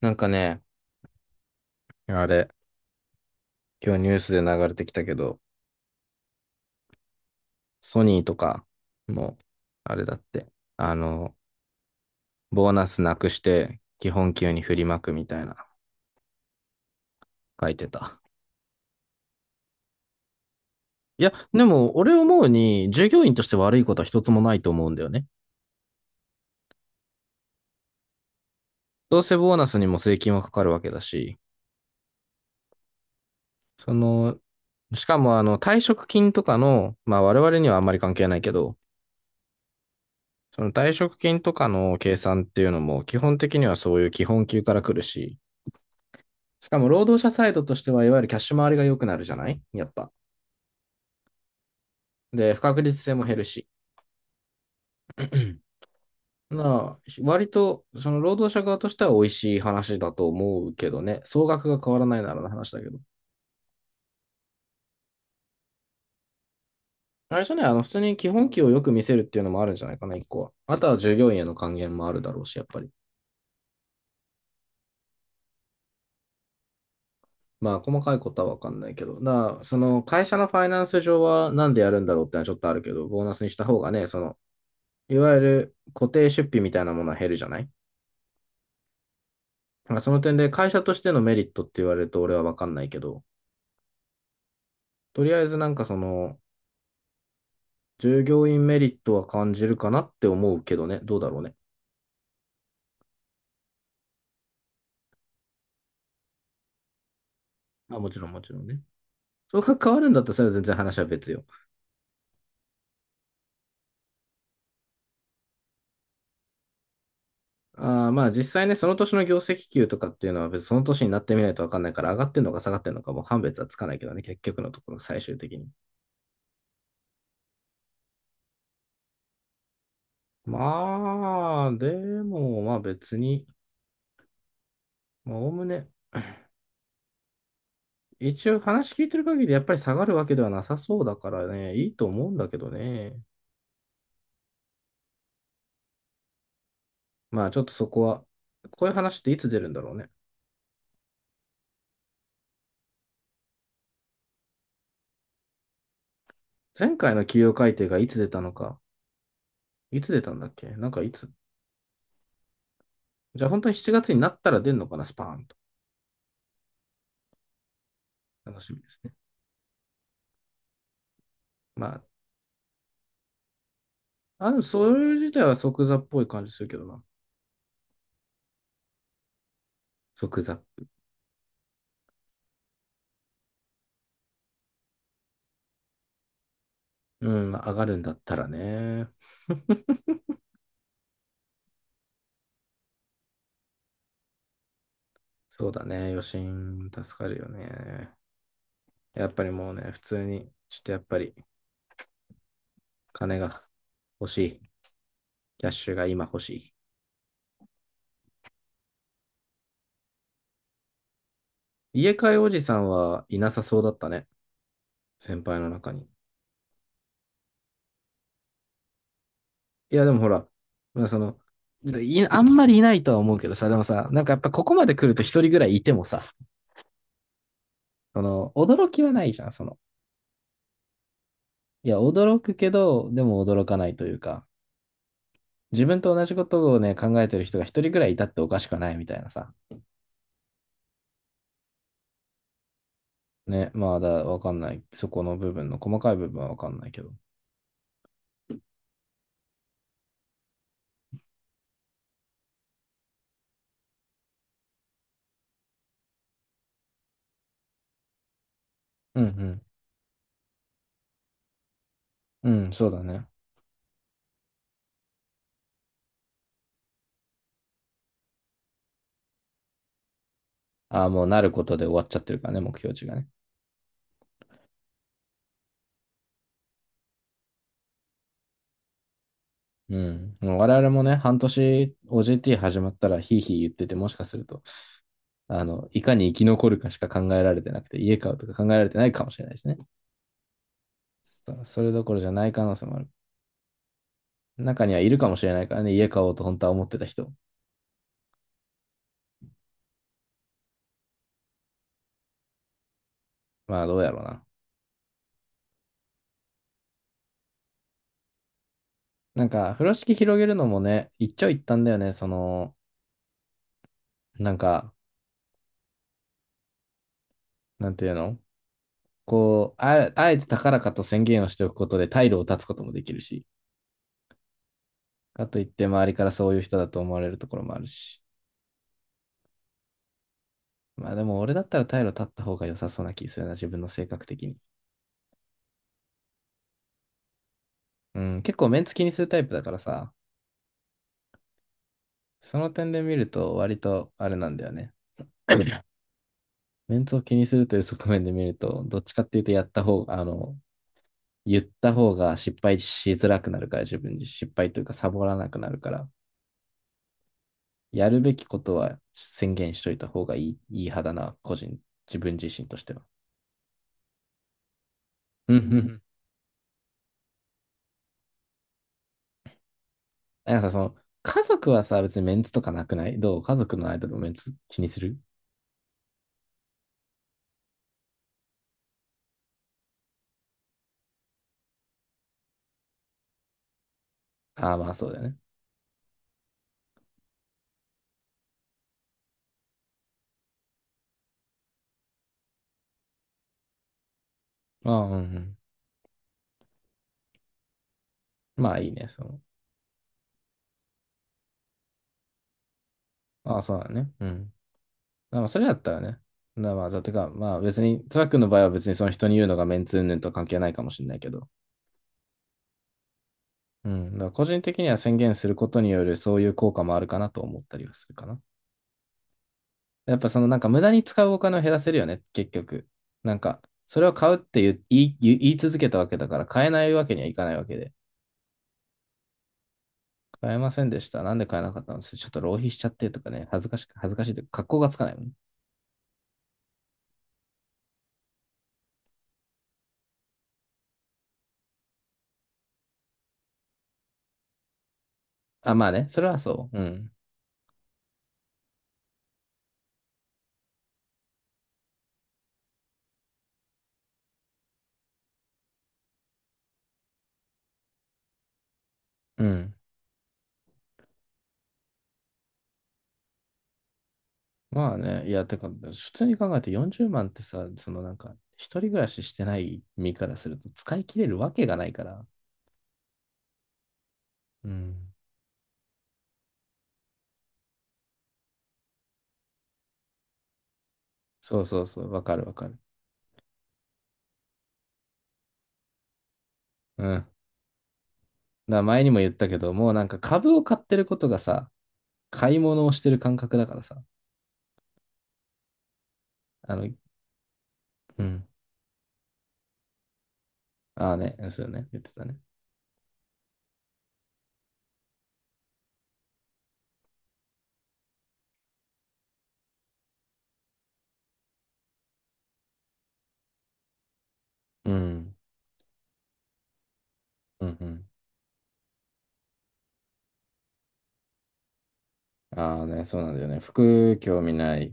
なんかね、あれ、今日ニュースで流れてきたけど、ソニーとかも、あれだって、あの、ボーナスなくして基本給に振りまくみたいな書いてた。いや、でも俺思うに、従業員として悪いことは一つもないと思うんだよね。どうせボーナスにも税金はかかるわけだし、その、しかもあの退職金とかの、まあ我々にはあんまり関係ないけど、その退職金とかの計算っていうのも基本的にはそういう基本給から来るし、しかも労働者サイドとしては、いわゆるキャッシュ回りが良くなるじゃないやっぱ。で、不確実性も減るし。なあ、割と、その労働者側としては美味しい話だと思うけどね。総額が変わらないならの話だけど。最初ね、普通に基本給をよく見せるっていうのもあるんじゃないかな、一個は。あとは従業員への還元もあるだろうし、やっぱり。まあ、細かいことはわかんないけど。だから、その会社のファイナンス上はなんでやるんだろうってのはちょっとあるけど、ボーナスにした方がね、その、いわゆる固定出費みたいなものは減るじゃない。まあ、その点で会社としてのメリットって言われると俺は分かんないけど、とりあえずなんかその、従業員メリットは感じるかなって思うけどね、どうだろうね。まあ、もちろんもちろんね。そこが変わるんだったらそれは全然話は別よ。あーまあ実際ね、その年の業績給とかっていうのは別にその年になってみないと分かんないから、上がってんのか下がってんのかもう判別はつかないけどね、結局のところ最終的に。まあ、でもまあ別に、まあおおむね、一応話聞いてる限りやっぱり下がるわけではなさそうだからね、いいと思うんだけどね。まあちょっとそこは、こういう話っていつ出るんだろうね。前回の企業改定がいつ出たのか、いつ出たんだっけなんかいつ。じゃあ本当に7月になったら出るのかな、スパーンと。楽しみですね。まあ、そういう自体は即座っぽい感じするけどな。即座。うん、まあ上がるんだったらね。そうだね、余震助かるよね。やっぱりもうね、普通に、ちょっとやっぱり金が欲しい。キャッシュが今欲しい。家買いおじさんはいなさそうだったね。先輩の中に。いや、でもほら、まあその、いあんまりいないとは思うけどさ、でもさ、なんかやっぱここまで来ると一人ぐらいいてもさ、その、驚きはないじゃん、その。いや、驚くけど、でも驚かないというか、自分と同じことをね、考えてる人が一人ぐらいいたっておかしくはないみたいなさ。ね、まあだ、わかんない。そこの部分の細かい部分はわかんないけど。うんうん。うん、そうだね。ああ、もうなることで終わっちゃってるからね、目標値がね。うん。もう我々もね、半年 OJT 始まったらヒーヒー言ってて、もしかすると、いかに生き残るかしか考えられてなくて、家買うとか考えられてないかもしれないですね。そそれどころじゃない可能性もある。中にはいるかもしれないからね、家買おうと本当は思ってた人。まあどうやろうな。なんか、風呂敷広げるのもね、一長一短だよね。その、なんか、なんていうの、こう、あ、あえて高らかと宣言をしておくことで退路を断つこともできるし、かといって周りからそういう人だと思われるところもあるし。まあでも俺だったら退路立った方が良さそうな気するな、自分の性格的に。うん、結構メンツ気にするタイプだからさ、その点で見ると割とあれなんだよね。メンツを気にするという側面で見ると、どっちかっていうとやった方、言った方が失敗しづらくなるから、自分に失敗というかサボらなくなるから、やるべきことは宣言しといた方がいい、いい派だな、個人、自分自身としては。うんうんうん。なんかさ、その、家族はさ、別にメンツとかなくないどう家族の間のメンツ気にする。ああ、まあそうだよね。ああ、うんうん。まあいいね、その。ああ、そうだね。うん。まあそれやったらね。なまあ、だってか、まあ別に、トラックの場合は別にその人に言うのがメンツ云々とは関係ないかもしれないけど。うん。だから個人的には宣言することによるそういう効果もあるかなと思ったりはするかな。やっぱそのなんか無駄に使うお金を減らせるよね、結局。なんか、それを買うって言い続けたわけだから買えないわけにはいかないわけで。買えませんでした。なんで買えなかったんですちょっと浪費しちゃってとかね、恥ずかしいというか、格好がつかないもんね。あ、まあね、それはそう。うん。うん。まあね、いや、てか、普通に考えて40万ってさ、そのなんか、一人暮らししてない身からすると使い切れるわけがないから。うん。そうそうそう、わかるわかる。うん。だから前にも言ったけど、もうなんか株を買ってることがさ、買い物をしてる感覚だからさ。あの、うん。ああね、そうよね、言ってたね。うん。うんうん。ああね、そうなんだよね。服興味ない、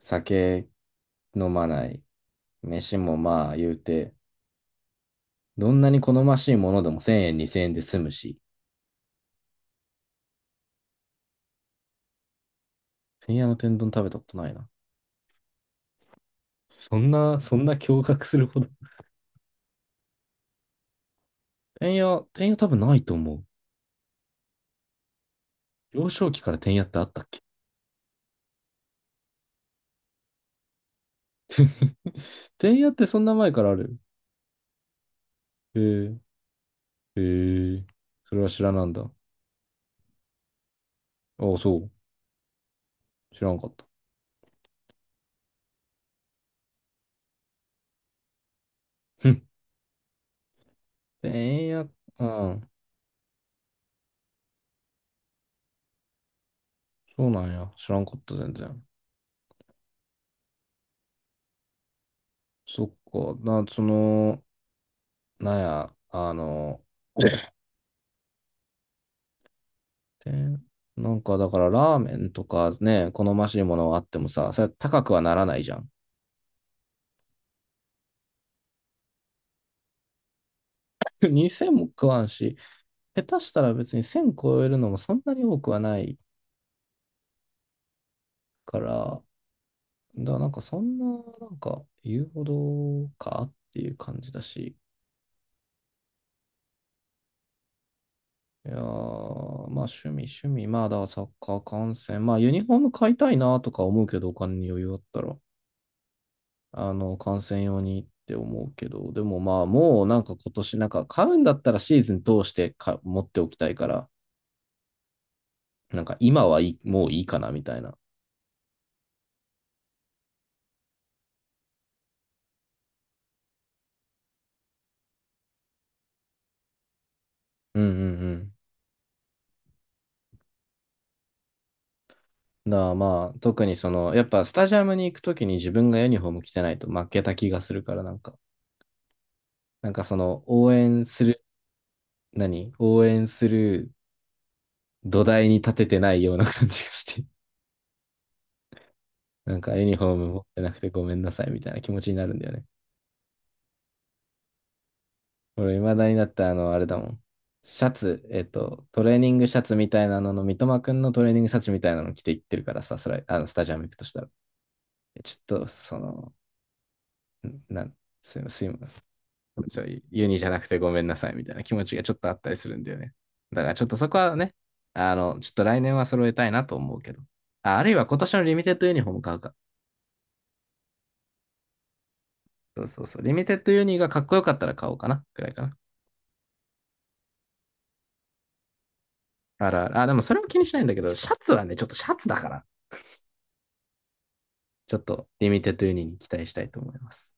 酒飲まない、飯もまあ言うて、どんなに好ましいものでも1000円、2000円で済むし、てんやの天丼食べたことないな。そんな、そんな驚愕するほど。天て天や多分ないと思う。幼少期から天やってあったっけ。天 やってそんな前からある。へえ、へえ、それは知らなんだ。ああ、そう。知らんかった。ふん。天屋、うん、そうなんや。知らんかった、全然。そっか、な、その、なんや、で、なんかだからラーメンとかね、好ましいものはあってもさ、それ高くはならないじゃん。2000も食わんし、下手したら別に1000超えるのもそんなに多くはないから、だからなんかそんな、なんか言うほどかっていう感じだし、いやー、まあ趣味趣味、まあだからサッカー観戦、まあユニフォーム買いたいなとか思うけど、お金に余裕あったら。観戦用にって思うけど、でもまあ、もうなんか今年、なんか買うんだったらシーズン通してか持っておきたいから、なんか今はいい、もういいかなみたいな。うんうんうん。だからまあ、特にその、やっぱスタジアムに行くときに自分がユニフォーム着てないと負けた気がするから、なんか、なんかその、応援する、何応援する土台に立ててないような感じがして、なんかユニフォーム持ってなくてごめんなさいみたいな気持ちになるんだよね。俺、未だになって、あれだもん。シャツ、トレーニングシャツみたいなのの、三笘くんのトレーニングシャツみたいなの着ていってるからさ、それ、スタジアム行くとしたら。ちょっと、その、なん、すいません、すいません。ちょユニじゃなくてごめんなさいみたいな気持ちがちょっとあったりするんだよね。だからちょっとそこはね、ちょっと来年は揃えたいなと思うけど。あ、あるいは今年のリミテッドユニフォーム買うか。そうそうそう。リミテッドユニがかっこよかったら買おうかな、くらいかな。あらあら、あ、でもそれも気にしないんだけど、シャツはね、ちょっとシャツだから。ちょっとリミテッドユニに期待したいと思います。